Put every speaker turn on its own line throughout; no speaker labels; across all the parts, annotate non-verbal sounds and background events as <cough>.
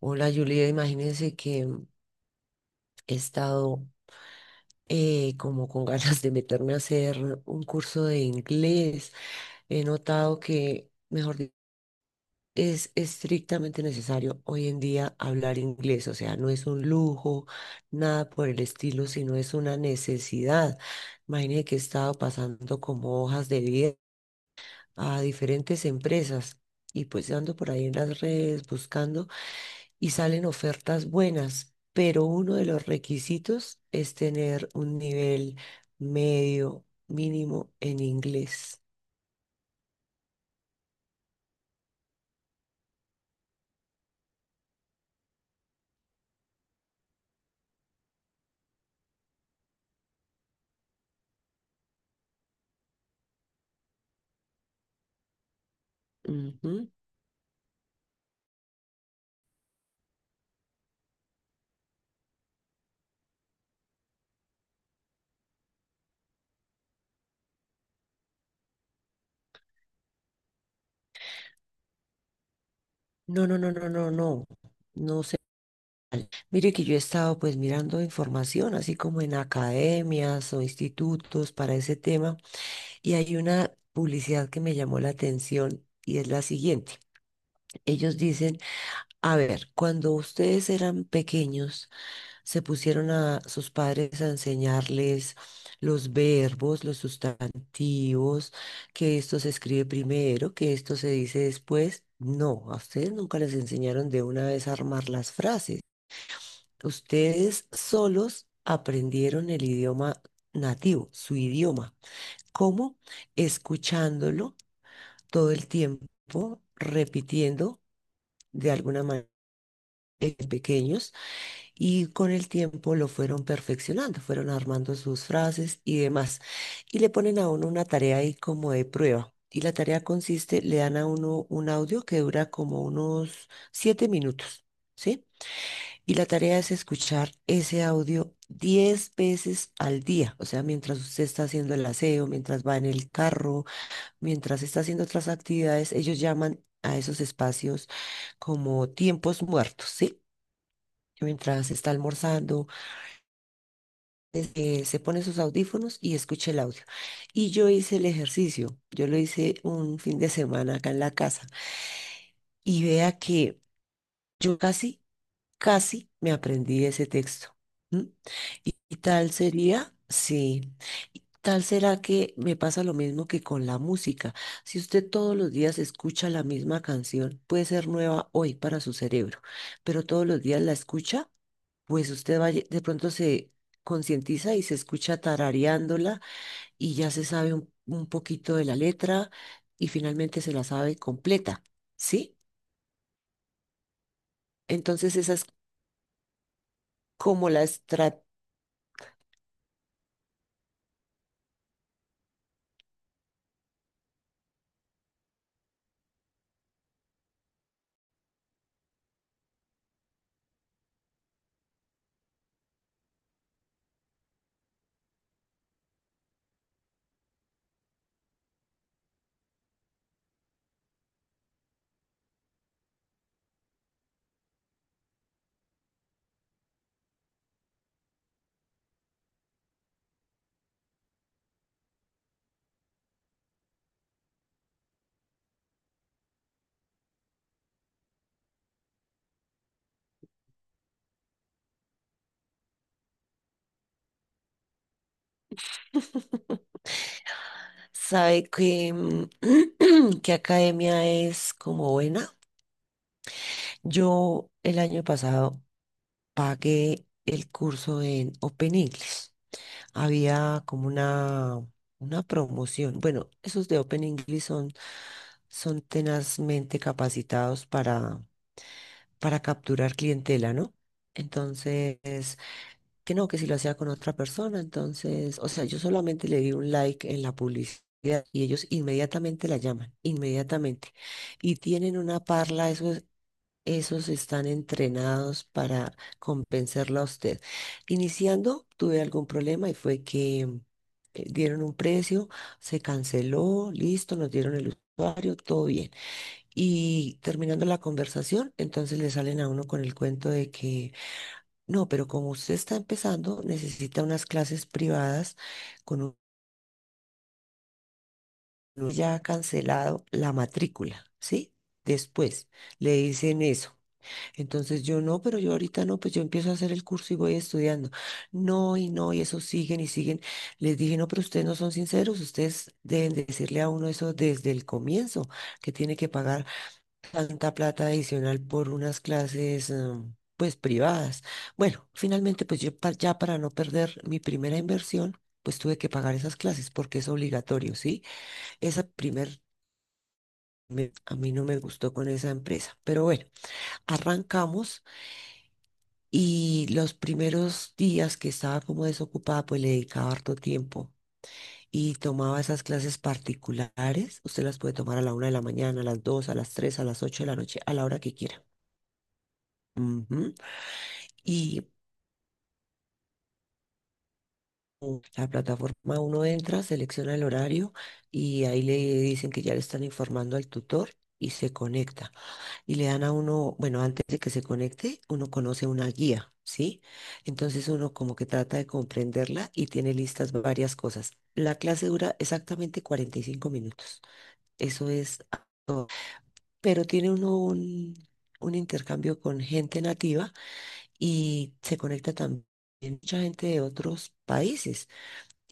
Hola Julia, imagínense que he estado como con <laughs> ganas de meterme a hacer un curso de inglés. He notado que, mejor dicho, es estrictamente necesario hoy en día hablar inglés, o sea, no es un lujo, nada por el estilo, sino es una necesidad. Imagínense que he estado pasando como hojas de vida a diferentes empresas y pues ando por ahí en las redes buscando. Y salen ofertas buenas, pero uno de los requisitos es tener un nivel medio mínimo en inglés. Ujú. No, no, no, no, no, no, no sé. Mire que yo he estado pues mirando información, así como en academias o institutos para ese tema, y hay una publicidad que me llamó la atención y es la siguiente. Ellos dicen, a ver, cuando ustedes eran pequeños, se pusieron a sus padres a enseñarles los verbos, los sustantivos, que esto se escribe primero, que esto se dice después. No, a ustedes nunca les enseñaron de una vez a armar las frases. Ustedes solos aprendieron el idioma nativo, su idioma. ¿Cómo? Escuchándolo todo el tiempo, repitiendo de alguna manera pequeños. Y con el tiempo lo fueron perfeccionando, fueron armando sus frases y demás. Y le ponen a uno una tarea ahí como de prueba. Y la tarea consiste, le dan a uno un audio que dura como unos 7 minutos, ¿sí? Y la tarea es escuchar ese audio 10 veces al día. O sea, mientras usted está haciendo el aseo, mientras va en el carro, mientras está haciendo otras actividades, ellos llaman a esos espacios como tiempos muertos, ¿sí? Mientras está almorzando se pone sus audífonos y escucha el audio. Y yo hice el ejercicio, yo lo hice un fin de semana acá en la casa y vea que yo casi, casi me aprendí ese texto. ¿M? Y tal sería, sí, y tal será que me pasa lo mismo que con la música. Si usted todos los días escucha la misma canción, puede ser nueva hoy para su cerebro, pero todos los días la escucha, pues usted va, de pronto se concientiza y se escucha tarareándola y ya se sabe un poquito de la letra y finalmente se la sabe completa, ¿sí? Entonces esa es como la estrategia. Sabe que, <clears throat> que academia es como buena. Yo el año pasado pagué el curso en Open English. Había como una promoción. Bueno, esos de Open English son tenazmente capacitados para capturar clientela, ¿no? Entonces, que no, que si lo hacía con otra persona, entonces, o sea, yo solamente le di un like en la publicidad y ellos inmediatamente la llaman, inmediatamente. Y tienen una parla, esos, esos están entrenados para compensarla a usted. Iniciando, tuve algún problema y fue que dieron un precio, se canceló, listo, nos dieron el usuario, todo bien. Y terminando la conversación, entonces le salen a uno con el cuento de que, no, pero como usted está empezando, necesita unas clases privadas con un uno ya cancelado la matrícula, ¿sí? Después le dicen eso. Entonces yo no, pero yo ahorita no, pues yo empiezo a hacer el curso y voy estudiando. No, y no, y eso siguen y siguen. Les dije, no, pero ustedes no son sinceros, ustedes deben decirle a uno eso desde el comienzo, que tiene que pagar tanta plata adicional por unas clases, pues privadas. Bueno, finalmente, pues yo ya para no perder mi primera inversión, pues tuve que pagar esas clases porque es obligatorio, ¿sí? Esa primer a mí no me gustó con esa empresa, pero bueno, arrancamos y los primeros días que estaba como desocupada, pues le dedicaba harto tiempo. Y tomaba esas clases particulares. Usted las puede tomar a la 1 de la mañana, a las 2, a las 3, a las 8 de la noche, a la hora que quiera. Ujú. Y la plataforma uno entra, selecciona el horario y ahí le dicen que ya le están informando al tutor y se conecta. Y le dan a uno, bueno, antes de que se conecte, uno conoce una guía, ¿sí? Entonces uno como que trata de comprenderla y tiene listas varias cosas. La clase dura exactamente 45 minutos. Eso es, pero tiene uno un intercambio con gente nativa y se conecta también mucha gente de otros países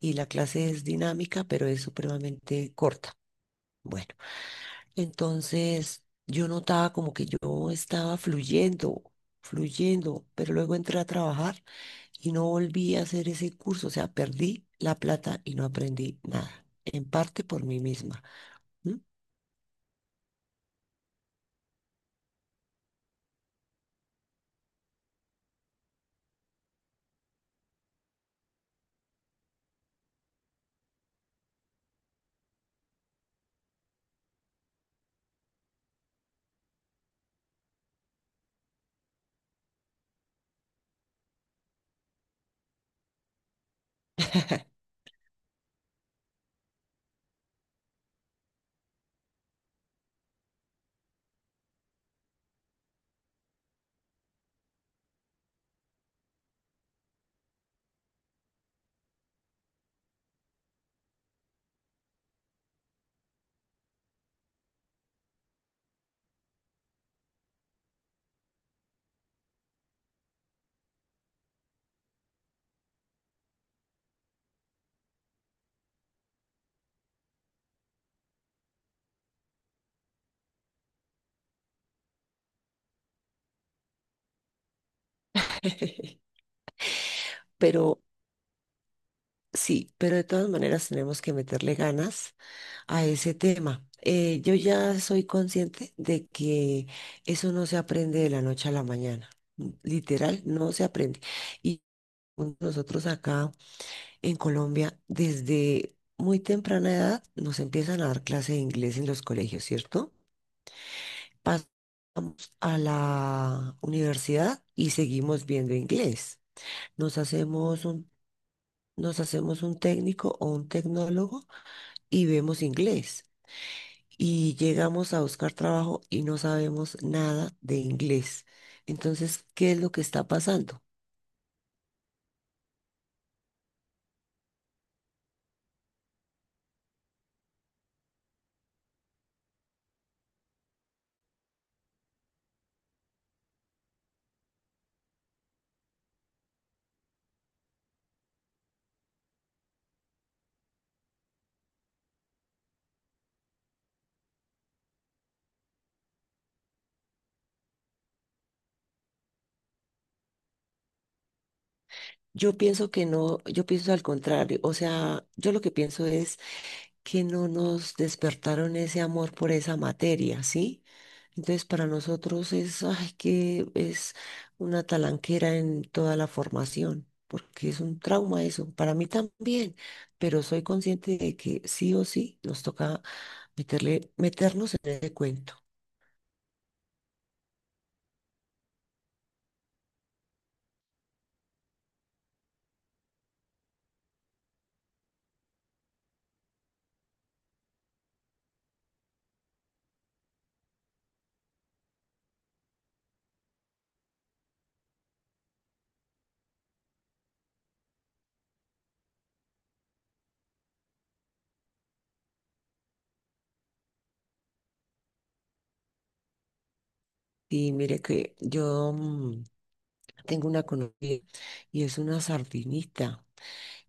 y la clase es dinámica, pero es supremamente corta. Bueno, entonces yo notaba como que yo estaba fluyendo, fluyendo, pero luego entré a trabajar y no volví a hacer ese curso, o sea, perdí la plata y no aprendí nada, en parte por mí misma. ¿M? <laughs> Pero sí, pero de todas maneras tenemos que meterle ganas a ese tema. Yo ya soy consciente de que eso no se aprende de la noche a la mañana. Literal, no se aprende. Y nosotros acá en Colombia, desde muy temprana edad, nos empiezan a dar clase de inglés en los colegios, ¿cierto? Pasamos a la universidad y seguimos viendo inglés. Nos hacemos un, nos hacemos un técnico o un tecnólogo y vemos inglés. Y llegamos a buscar trabajo y no sabemos nada de inglés. Entonces, ¿qué es lo que está pasando? Yo pienso que no, yo pienso al contrario, o sea, yo lo que pienso es que no nos despertaron ese amor por esa materia, ¿sí? Entonces, para nosotros es, ay, que es una talanquera en toda la formación, porque es un trauma eso, para mí también, pero soy consciente de que sí o sí nos toca meterle, meternos en ese cuento. Y mire que yo tengo una conocida y es una sardinista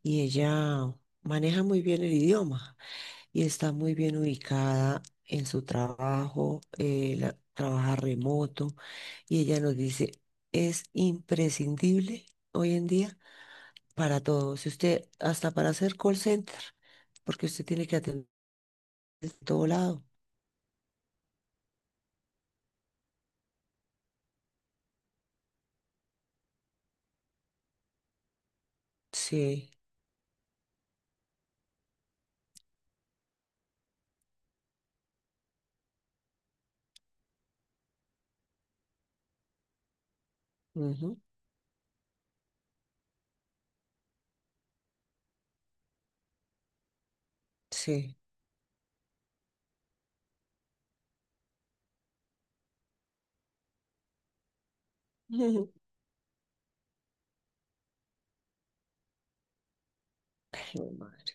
y ella maneja muy bien el idioma y está muy bien ubicada en su trabajo, trabaja remoto y ella nos dice, es imprescindible hoy en día para todo, si usted hasta para hacer call center, porque usted tiene que atender de todo lado. Sí, ujú, sí. <laughs> Qué mal.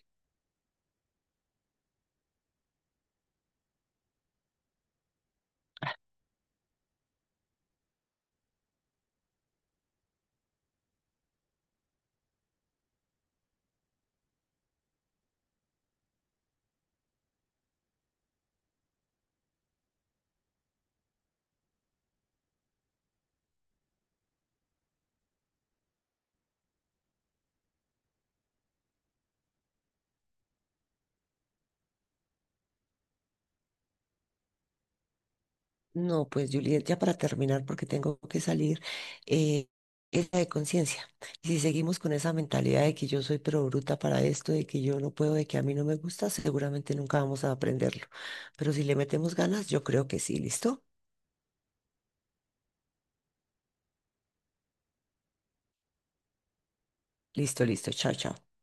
No, pues Juliet, ya para terminar, porque tengo que salir, eh, es la de conciencia. Y si seguimos con esa mentalidad de que yo soy pero bruta para esto, de que yo no puedo, de que a mí no me gusta, seguramente nunca vamos a aprenderlo. Pero si le metemos ganas, yo creo que sí, ¿listo? Listo, listo, chao, chao.